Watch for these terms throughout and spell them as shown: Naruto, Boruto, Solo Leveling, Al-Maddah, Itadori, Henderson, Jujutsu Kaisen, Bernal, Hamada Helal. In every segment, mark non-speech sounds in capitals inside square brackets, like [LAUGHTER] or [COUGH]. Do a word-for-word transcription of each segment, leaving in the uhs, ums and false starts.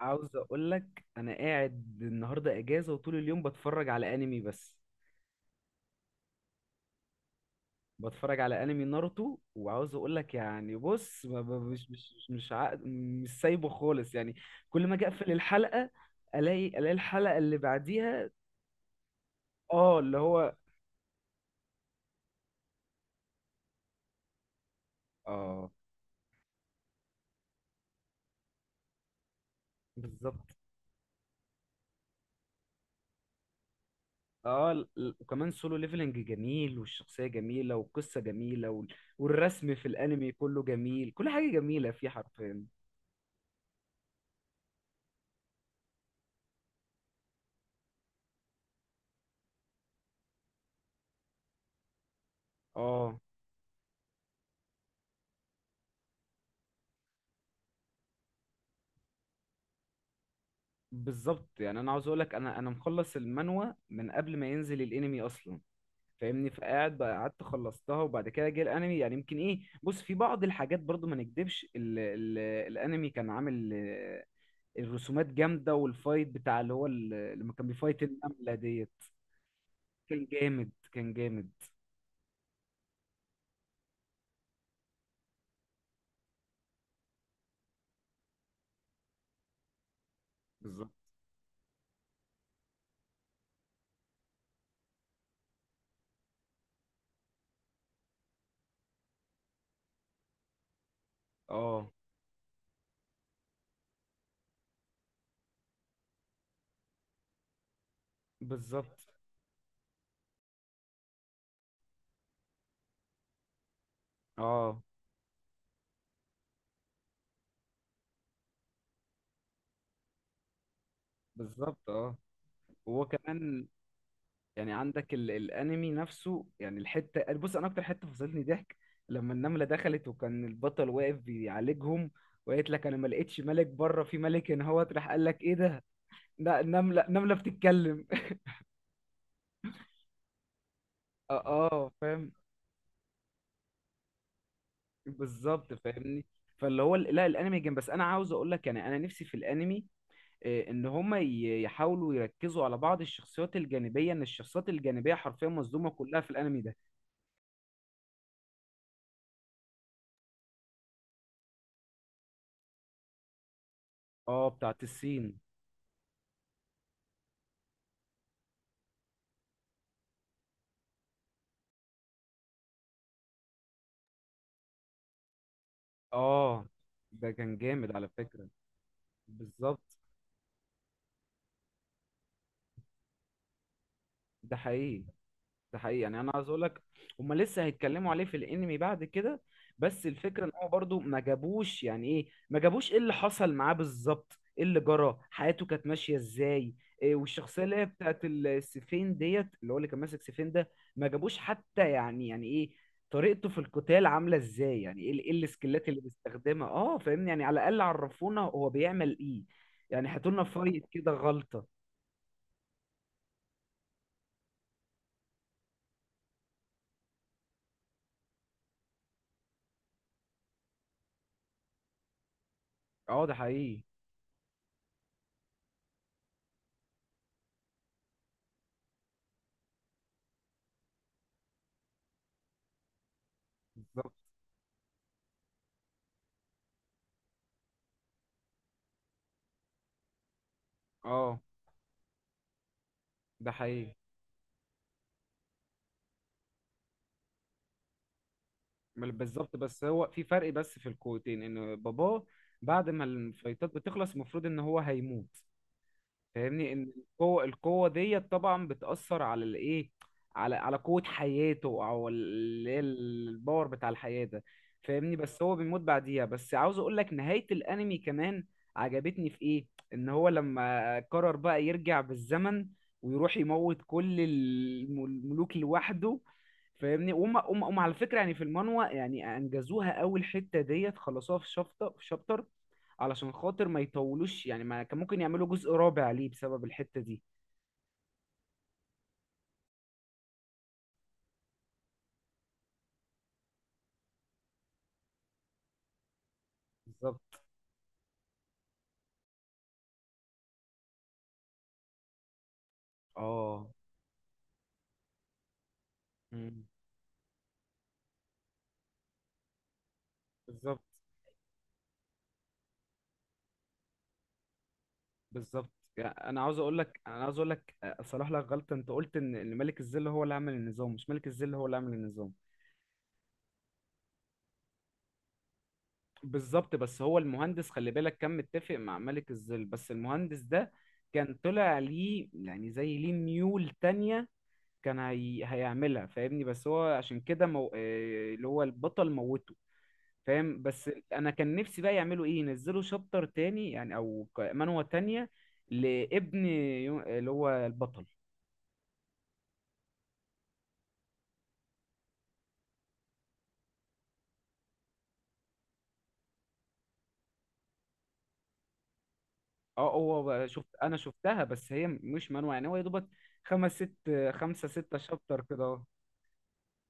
عاوز اقول لك انا قاعد النهارده اجازه وطول اليوم بتفرج على انمي بس. بتفرج على انمي ناروتو وعاوز اقول لك يعني بص ما- ما- مش مش مش عق... مش سايبه خالص يعني. كل ما اجي اقفل الحلقه الاقي الاقي الحلقه اللي بعديها. اه اللي هو. اه بالظبط. اه ال- ال- وكمان سولو ليفلنج جميل والشخصيه جميله والقصه جميله وال... والرسم في الانمي كله جميل، كل حاجه جميله فيه حرفيا. اه بالظبط. يعني انا عاوز اقول لك انا انا مخلص المانوا من قبل ما ينزل الانمي اصلا. فاهمني؟ فقاعد بقى، قعدت خلصتها وبعد كده جه الانمي. يعني يمكن ايه، بص في بعض الحاجات برضو ما نكدبش، ال ال الانمي كان عامل آه، الرسومات جامده، والفايت بتاع اللي هو ال- لما كان بيفايت النمله ديت كان جامد، كان جامد. بالظبط. اه بالظبط. اه بالظبط. اه وهو كمان يعني عندك ال الانمي نفسه، يعني الحته، بص انا اكتر حته فصلتني ضحك لما النمله دخلت وكان البطل واقف بيعالجهم وقالت لك انا ما لقيتش ملك بره، في ملك هنا، هو راح قال لك ايه ده؟ لا النمله، النمله بتتكلم. [LAUGHS] اه اه فاهم. بالظبط فاهمني. فاللي هو ال- لا الانمي جامد، بس انا عاوز اقول لك يعني انا نفسي في الانمي آه، ان هما ي- يحاولوا يركزوا على بعض الشخصيات الجانبيه، ان الشخصيات الجانبيه حرفيا مظلومه كلها في الانمي ده. اه بتاعت الصين. اه ده كان جامد على فكرة. بالظبط. ده حقيقي. ده حقيقي، يعني انا عايز اقول لك هما لسه هيتكلموا عليه في الانمي بعد كده، بس الفكره ان هو برضو ما جابوش يعني ايه، ما جابوش ايه اللي حصل معاه بالظبط، ايه اللي جرى، حياته كانت ماشيه ازاي. إيه والشخصيه اللي هي بتاعت السيفين ديت، اللي هو اللي كان ماسك سيفين ده، ما جابوش حتى يعني، يعني ايه طريقته في القتال عامله ازاي، يعني ايه ال- إيه السكيلات اللي بيستخدمها؟ اه فاهمني، يعني على الاقل عرفونا هو بيعمل ايه. يعني هاتولنا فايت كده، غلطه. اه ده حقيقي. بالظبط. اه ده حقيقي. ما- بالظبط، بس هو في فرق بس في القوتين، ان باباه بعد ما الفايتات بتخلص المفروض ان هو هيموت. فاهمني؟ ان القوه، القوه ديت طبعا بتاثر على الايه، على على قوه حياته، او اللي هي الباور بتاع الحياه ده. فاهمني؟ بس هو بيموت بعديها. بس عاوز اقول لك نهايه الانمي كمان عجبتني في ايه، ان هو لما قرر بقى يرجع بالزمن ويروح يموت كل الم- الملوك لوحده. فاهمني؟ وهم هم هم على فكره، يعني في المانوا يعني انجزوها، اول حته ديت خلصوها في شابتر، في شابتر، علشان خاطر ما يطولوش يعني. ما كان ممكن يعملوا جزء رابع ليه بسبب الحتة دي. بالظبط. اه مم. بالظبط. بالظبط يعني انا عاوز اقول لك، انا عاوز اقول لك آه، صلاح لك غلطة، انت قلت ان إن ملك الظل هو اللي عمل النظام، مش ملك الظل هو اللي عمل النظام، بالظبط، بس هو المهندس خلي بالك كان متفق مع ملك الظل، بس المهندس ده كان طلع ليه يعني زي ليه ميول تانية كان هي... هيعملها. فاهمني؟ بس هو عشان كده مو... آه، اللي هو البطل موته. فاهم؟ بس انا كان نفسي بقى يعملوا ايه، ينزلوا شابتر تاني يعني، او ك- منوة تانية لابن يو- اللي هو البطل. اه هو بقى، شفت انا شفتها، بس هي مش منوة، يعني هو يا دوبك خمس ست خمسة ستة شابتر كده اهو.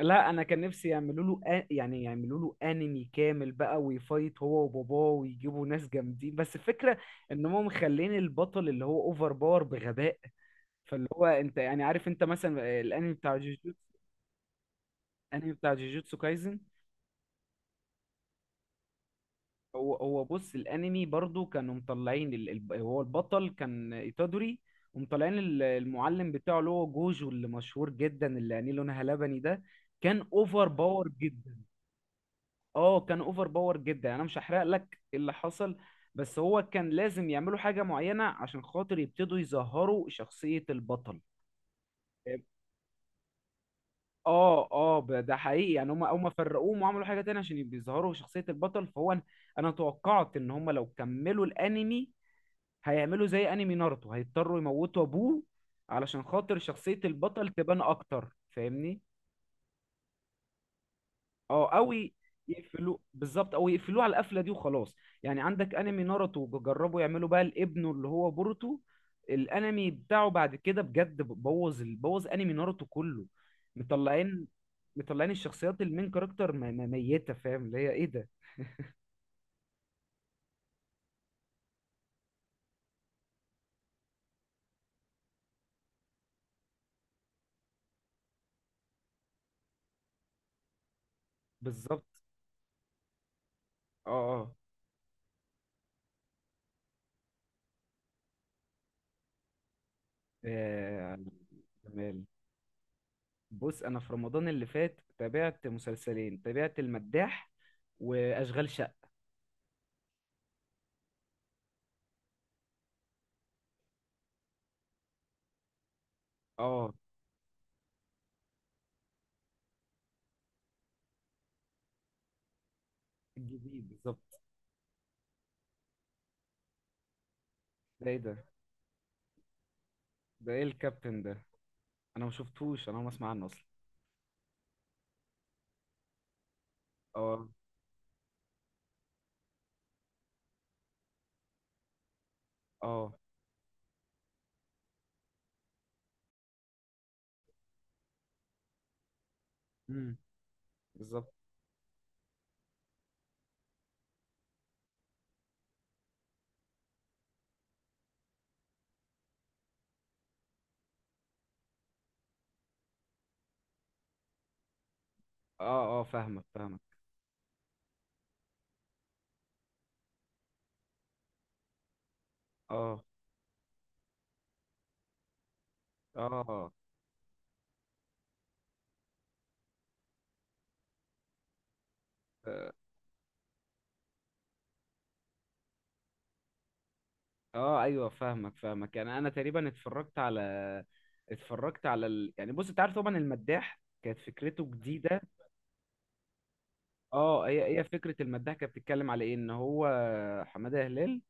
لا انا كان نفسي يعملوا له آ- يعني يعملوا له انمي كامل بقى، ويفايت هو وباباه، ويجيبوا ناس جامدين، بس الفكرة ان هم مخلين البطل اللي هو اوفر باور بغباء. فاللي هو انت يعني عارف انت مثلا الانمي بتاع جوجوتسو، الانمي بتاع جوجوتسو كايزن. هو هو بص الانمي برضو كانوا مطلعين ال... ال- هو البطل كان ايتادوري، ومطلعين ال- المعلم بتاعه اللي هو جوجو اللي مشهور جدا اللي عينيه لونها لبني ده كان اوفر باور جدا. اه كان اوفر باور جدا، يعني انا مش هحرق لك اللي حصل، بس هو كان لازم يعملوا حاجة معينة عشان خاطر يبتدوا يظهروا شخصية البطل. اه اه ب- ده حقيقي، يعني هم هم فرقوهم وعملوا حاجة تانية عشان يبقوا يظهروا شخصية البطل. فهو انا أنا توقعت ان هم لو كملوا الانمي هيعملوا زي انمي ناruتو، هيضطروا يموتوا ابوه علشان خاطر شخصية البطل تبان اكتر. فاهمني؟ اه او ي- يقفلوه بالظبط، او يقفلوه على القفلة دي وخلاص. يعني عندك انمي ناروتو بيجربوا يعملوا بقى لابنه اللي هو بوروتو، الانمي بتاعه بعد كده بجد بوظ ال- بوظ انمي ناروتو كله. مطلعين، مطلعين الشخصيات المين كاركتر م- م- ميتة. فاهم اللي هي ايه ده؟ بالظبط. اه اه. آه، جمال. بص انا في رمضان اللي فات تابعت مسلسلين، تابعت المداح واشغال شقه. اه الجديد بالظبط. ده ايه ده؟ ده ايه الكابتن ده؟ انا ما شفتوش، انا ما اسمع عنه اصلا. اه اه. امم. بالظبط. اه اه فاهمك، فاهمك. اه اه اه آه، ايوه فاهمك، فاهمك. يعني انا تقريبا اتفرجت على، اتفرجت على ال... يعني بص انت عارف طبعا المداح كانت فكرته جديده. اه هي هي فكره المداح كانت بتتكلم على ايه، ان هو حماده هلال،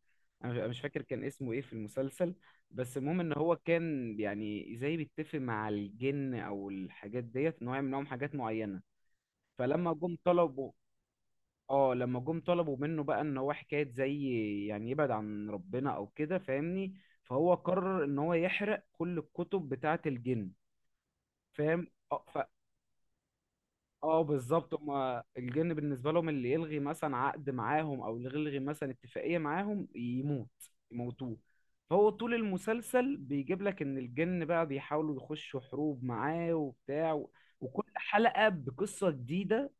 انا مش، أنا مش فاكر كان اسمه ايه في المسلسل، بس المهم ان هو كان يعني زي بيتفق مع الجن او الحاجات ديت ان هو يعمل لهم حاجات معينه. فلما جم طلبوا، اه لما جم طلبوا منه بقى ان هو حكايه زي يعني يبعد عن ربنا او كده، فاهمني؟ فهو قرر ان هو يحرق كل الكتب بتاعه الجن. فاهم؟ اه بالظبط، هما الجن بالنسبة لهم اللي يلغي مثلا عقد معاهم او اللي يلغي مثلا اتفاقية معاهم يموت، يموتوه. فهو طول المسلسل بيجيب لك ان الجن بقى بيحاولوا يخشوا حروب معاه وبتاع و... وكل حلقة بقصة جديدة،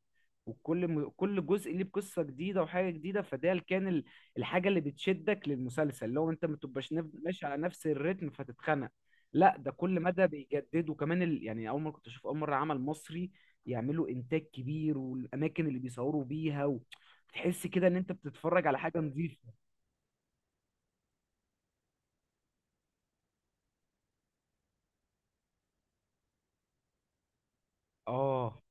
وكل م... كل جزء ليه بقصه جديده وحاجه جديده. فده اللي كان ال- الحاجه اللي بتشدك للمسلسل، لو انت ما تبقاش نف- ماشي على نفس الريتم فتتخنق. لا ده كل مدى بيجدد، وكمان ال... يعني اول مره كنت اشوف اول مره عمل مصري يعملوا انتاج كبير، والاماكن اللي بيصوروا بيها و... تحس كده ان انت بتتفرج على حاجه نظيفه. اه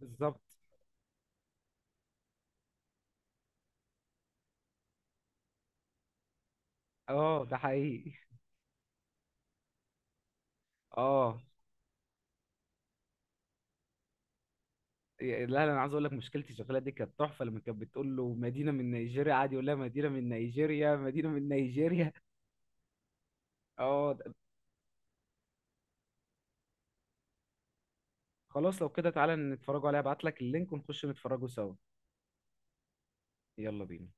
بالظبط. اه ده حقيقي. اه لا لا انا عايز اقول لك مشكلتي الشغاله دي كانت تحفه، لما كانت بتقول له مدينه من نيجيريا قعد يقول لها مدينه من نيجيريا، مدينه من نيجيريا. اه خلاص لو كده تعالى نتفرجوا عليها، ابعت لك اللينك ونخش نتفرجوا سوا. يلا بينا.